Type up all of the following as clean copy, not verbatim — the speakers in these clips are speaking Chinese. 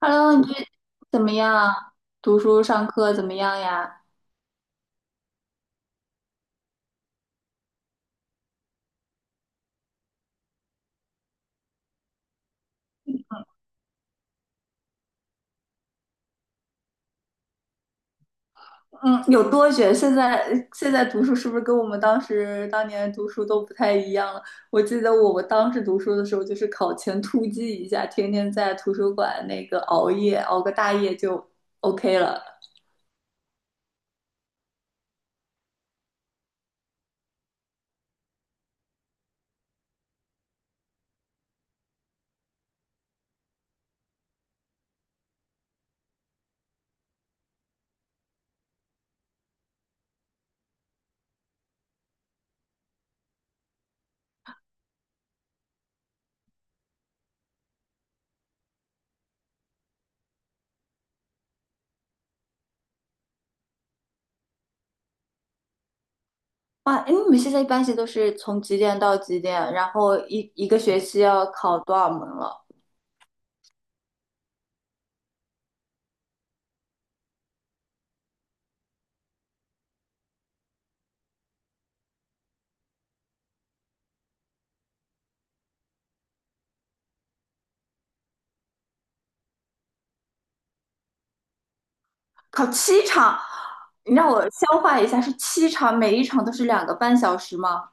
Hello，你最怎么样？读书上课怎么样呀？嗯，有多卷？现在读书是不是跟我们当时当年读书都不太一样了？我记得我们当时读书的时候，就是考前突击一下，天天在图书馆那个熬夜，熬个大夜就 OK 了。哇，哎，你们现在一般是都是从几点到几点？然后一个学期要考多少门了？考七场，你让我消化一下，是七场，每一场都是2个半小时吗？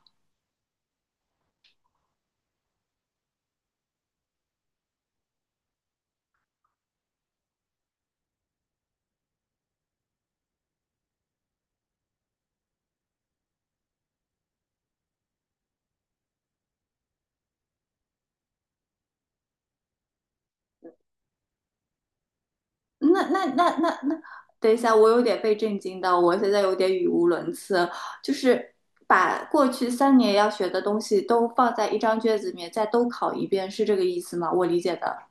那，等一下，我有点被震惊到，我现在有点语无伦次。就是把过去3年要学的东西都放在一张卷子里面，再都考一遍，是这个意思吗？我理解的。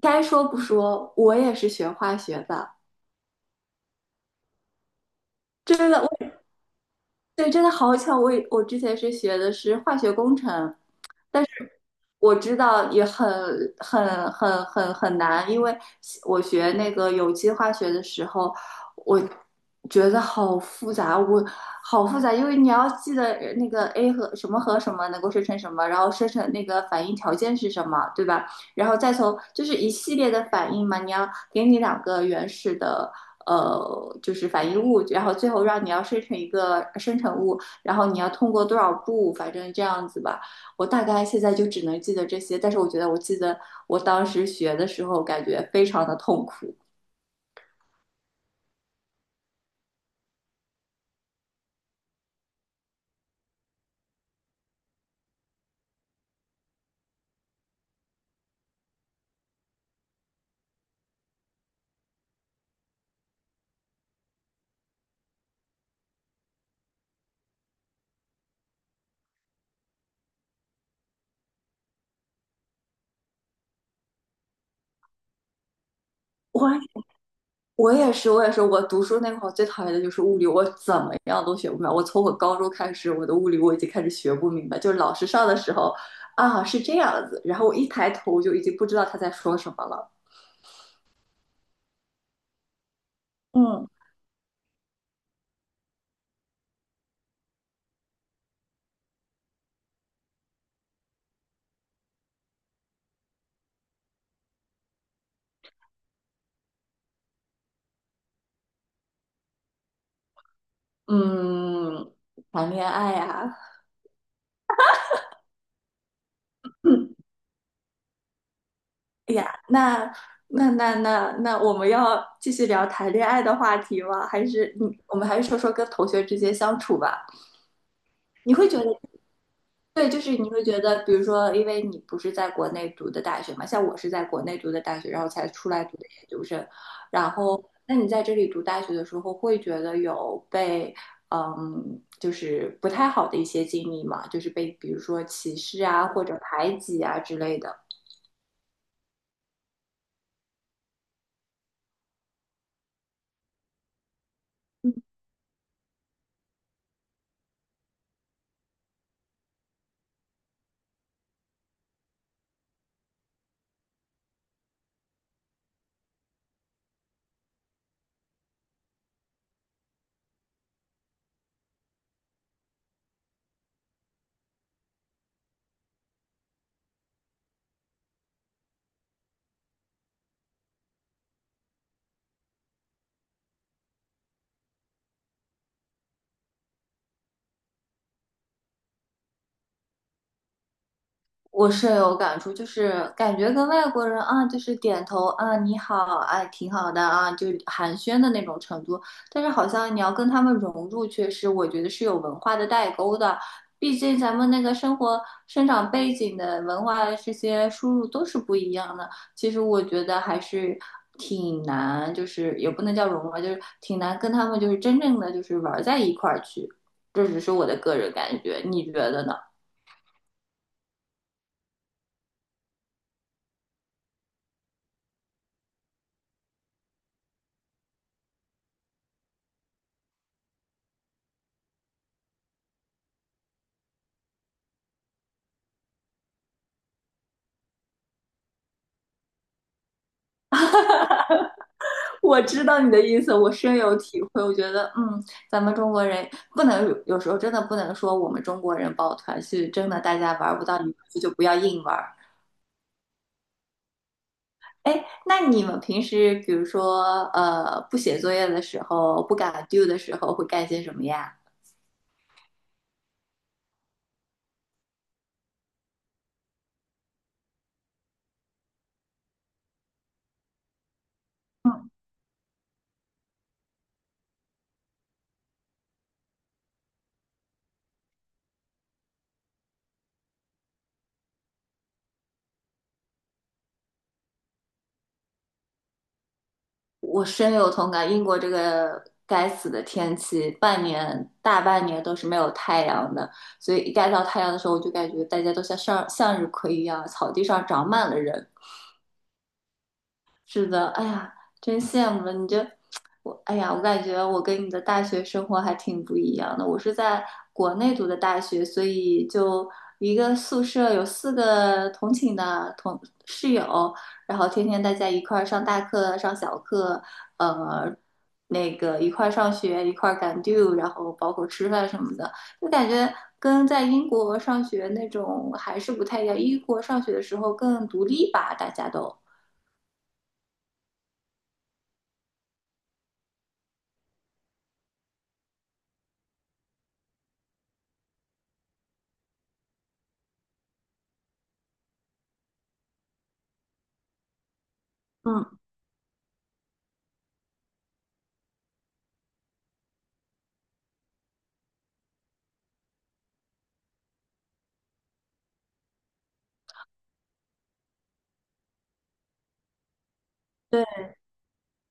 该说不说，我也是学化学的，真的，我对，真的好巧，我之前是学的是化学工程。但。我知道也很难，因为我学那个有机化学的时候，我觉得好复杂，我好复杂，因为你要记得那个 A 和什么和什么能够生成什么，然后生成那个反应条件是什么，对吧？然后再从就是一系列的反应嘛，你要给你两个原始的。就是反应物，然后最后让你要生成一个生成物，然后你要通过多少步，反正这样子吧。我大概现在就只能记得这些，但是我觉得我记得我当时学的时候，感觉非常的痛苦。我我也是，我也是，我读书那会儿最讨厌的就是物理，我怎么样都学不明白。我从我高中开始，我的物理我已经开始学不明白，就是老师上的时候啊是这样子，然后我一抬头就已经不知道他在说什么了。嗯嗯，谈恋爱呀、啊嗯哎呀，那，我们要继续聊谈恋爱的话题吗？还是你，我们还是说说跟同学之间相处吧。你会觉得，对，就是你会觉得，比如说，因为你不是在国内读的大学嘛，像我是在国内读的大学，然后才出来读的研究生，然后，那你在这里读大学的时候，会觉得有被，嗯，就是不太好的一些经历嘛，就是被比如说歧视啊，或者排挤啊之类的。我深有感触，就是感觉跟外国人啊，就是点头啊，你好，哎，挺好的啊，就寒暄的那种程度。但是好像你要跟他们融入，确实我觉得是有文化的代沟的。毕竟咱们那个生活、生长背景的文化这些输入都是不一样的。其实我觉得还是挺难，就是也不能叫融入吧，就是挺难跟他们就是真正的就是玩在一块儿去。这只是我的个人感觉，你觉得呢？我知道你的意思，我深有体会。我觉得，嗯，咱们中国人不能有时候真的不能说我们中国人抱团是真的，大家玩不到一块去就不要硬玩儿。哎，那你们平时比如说，不写作业的时候，不敢 do 的时候，会干些什么呀？我深有同感，英国这个该死的天气，半年大半年都是没有太阳的，所以一该到太阳的时候，我就感觉大家都像向日葵一样，草地上长满了人。是的，哎呀，真羡慕了你这，我哎呀，我感觉我跟你的大学生活还挺不一样的。我是在国内读的大学，所以就一个宿舍有四个同寝的同室友，然后天天大家一块儿上大课、上小课，呃，那个一块儿上学、一块儿赶 due，然后包括吃饭什么的，就感觉跟在英国上学那种还是不太一样。英国上学的时候更独立吧，大家都。嗯，对。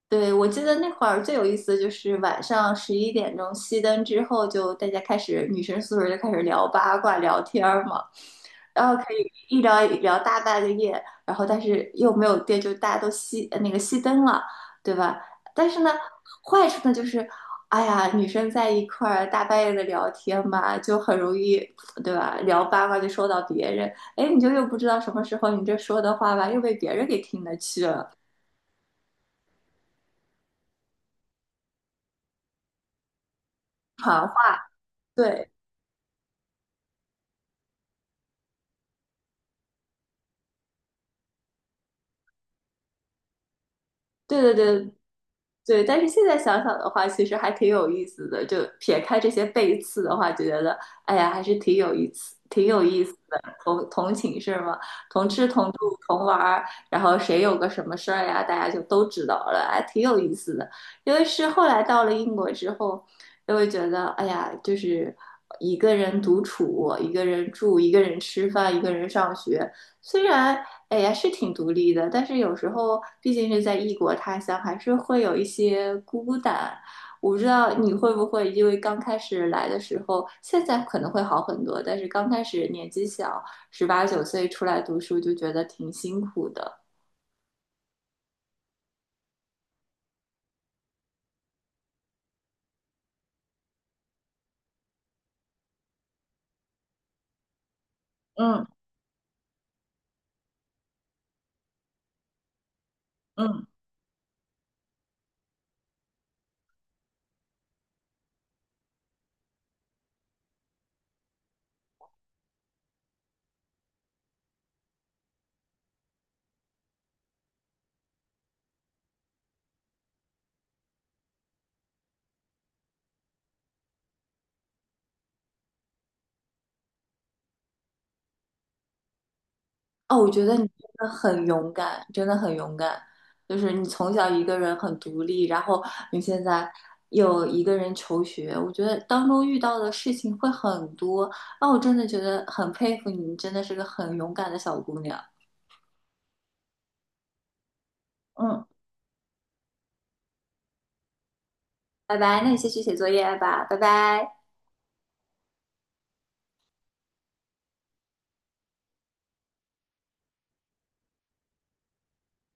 对，我记得那会儿最有意思的就是晚上11点钟熄灯之后，就大家开始女生宿舍就开始聊八卦、聊天儿嘛，然后可以一聊一聊大半个夜，然后但是又没有电，就大家都熄呃那个熄灯了，对吧？但是呢，坏处呢就是，哎呀，女生在一块儿大半夜的聊天吧，就很容易，对吧？聊八卦就说到别人，哎，你就又不知道什么时候你这说的话吧，又被别人给听得去了，好。对，对对对对，但是现在想想的话，其实还挺有意思的。就撇开这些背刺的话，就觉得哎呀，还是挺有意思，挺有意思的。同寝室嘛，同吃同住同玩儿，然后谁有个什么事儿呀，大家就都知道了，还挺有意思的。因为是后来到了英国之后，就会觉得哎呀，就是一个人独处，一个人住，一个人吃饭，一个人上学，虽然哎呀，是挺独立的，但是有时候毕竟是在异国他乡，还是会有一些孤单。我不知道你会不会，因为刚开始来的时候，现在可能会好很多，但是刚开始年纪小，十八九岁出来读书就觉得挺辛苦的。嗯嗯，哦，我觉得你真的很勇敢，真的很勇敢。就是你从小一个人很独立，然后你现在又一个人求学，我觉得当中遇到的事情会很多。那我真的觉得很佩服你，你真的是个很勇敢的小姑娘。嗯，拜拜，那你先去写作业吧，拜拜。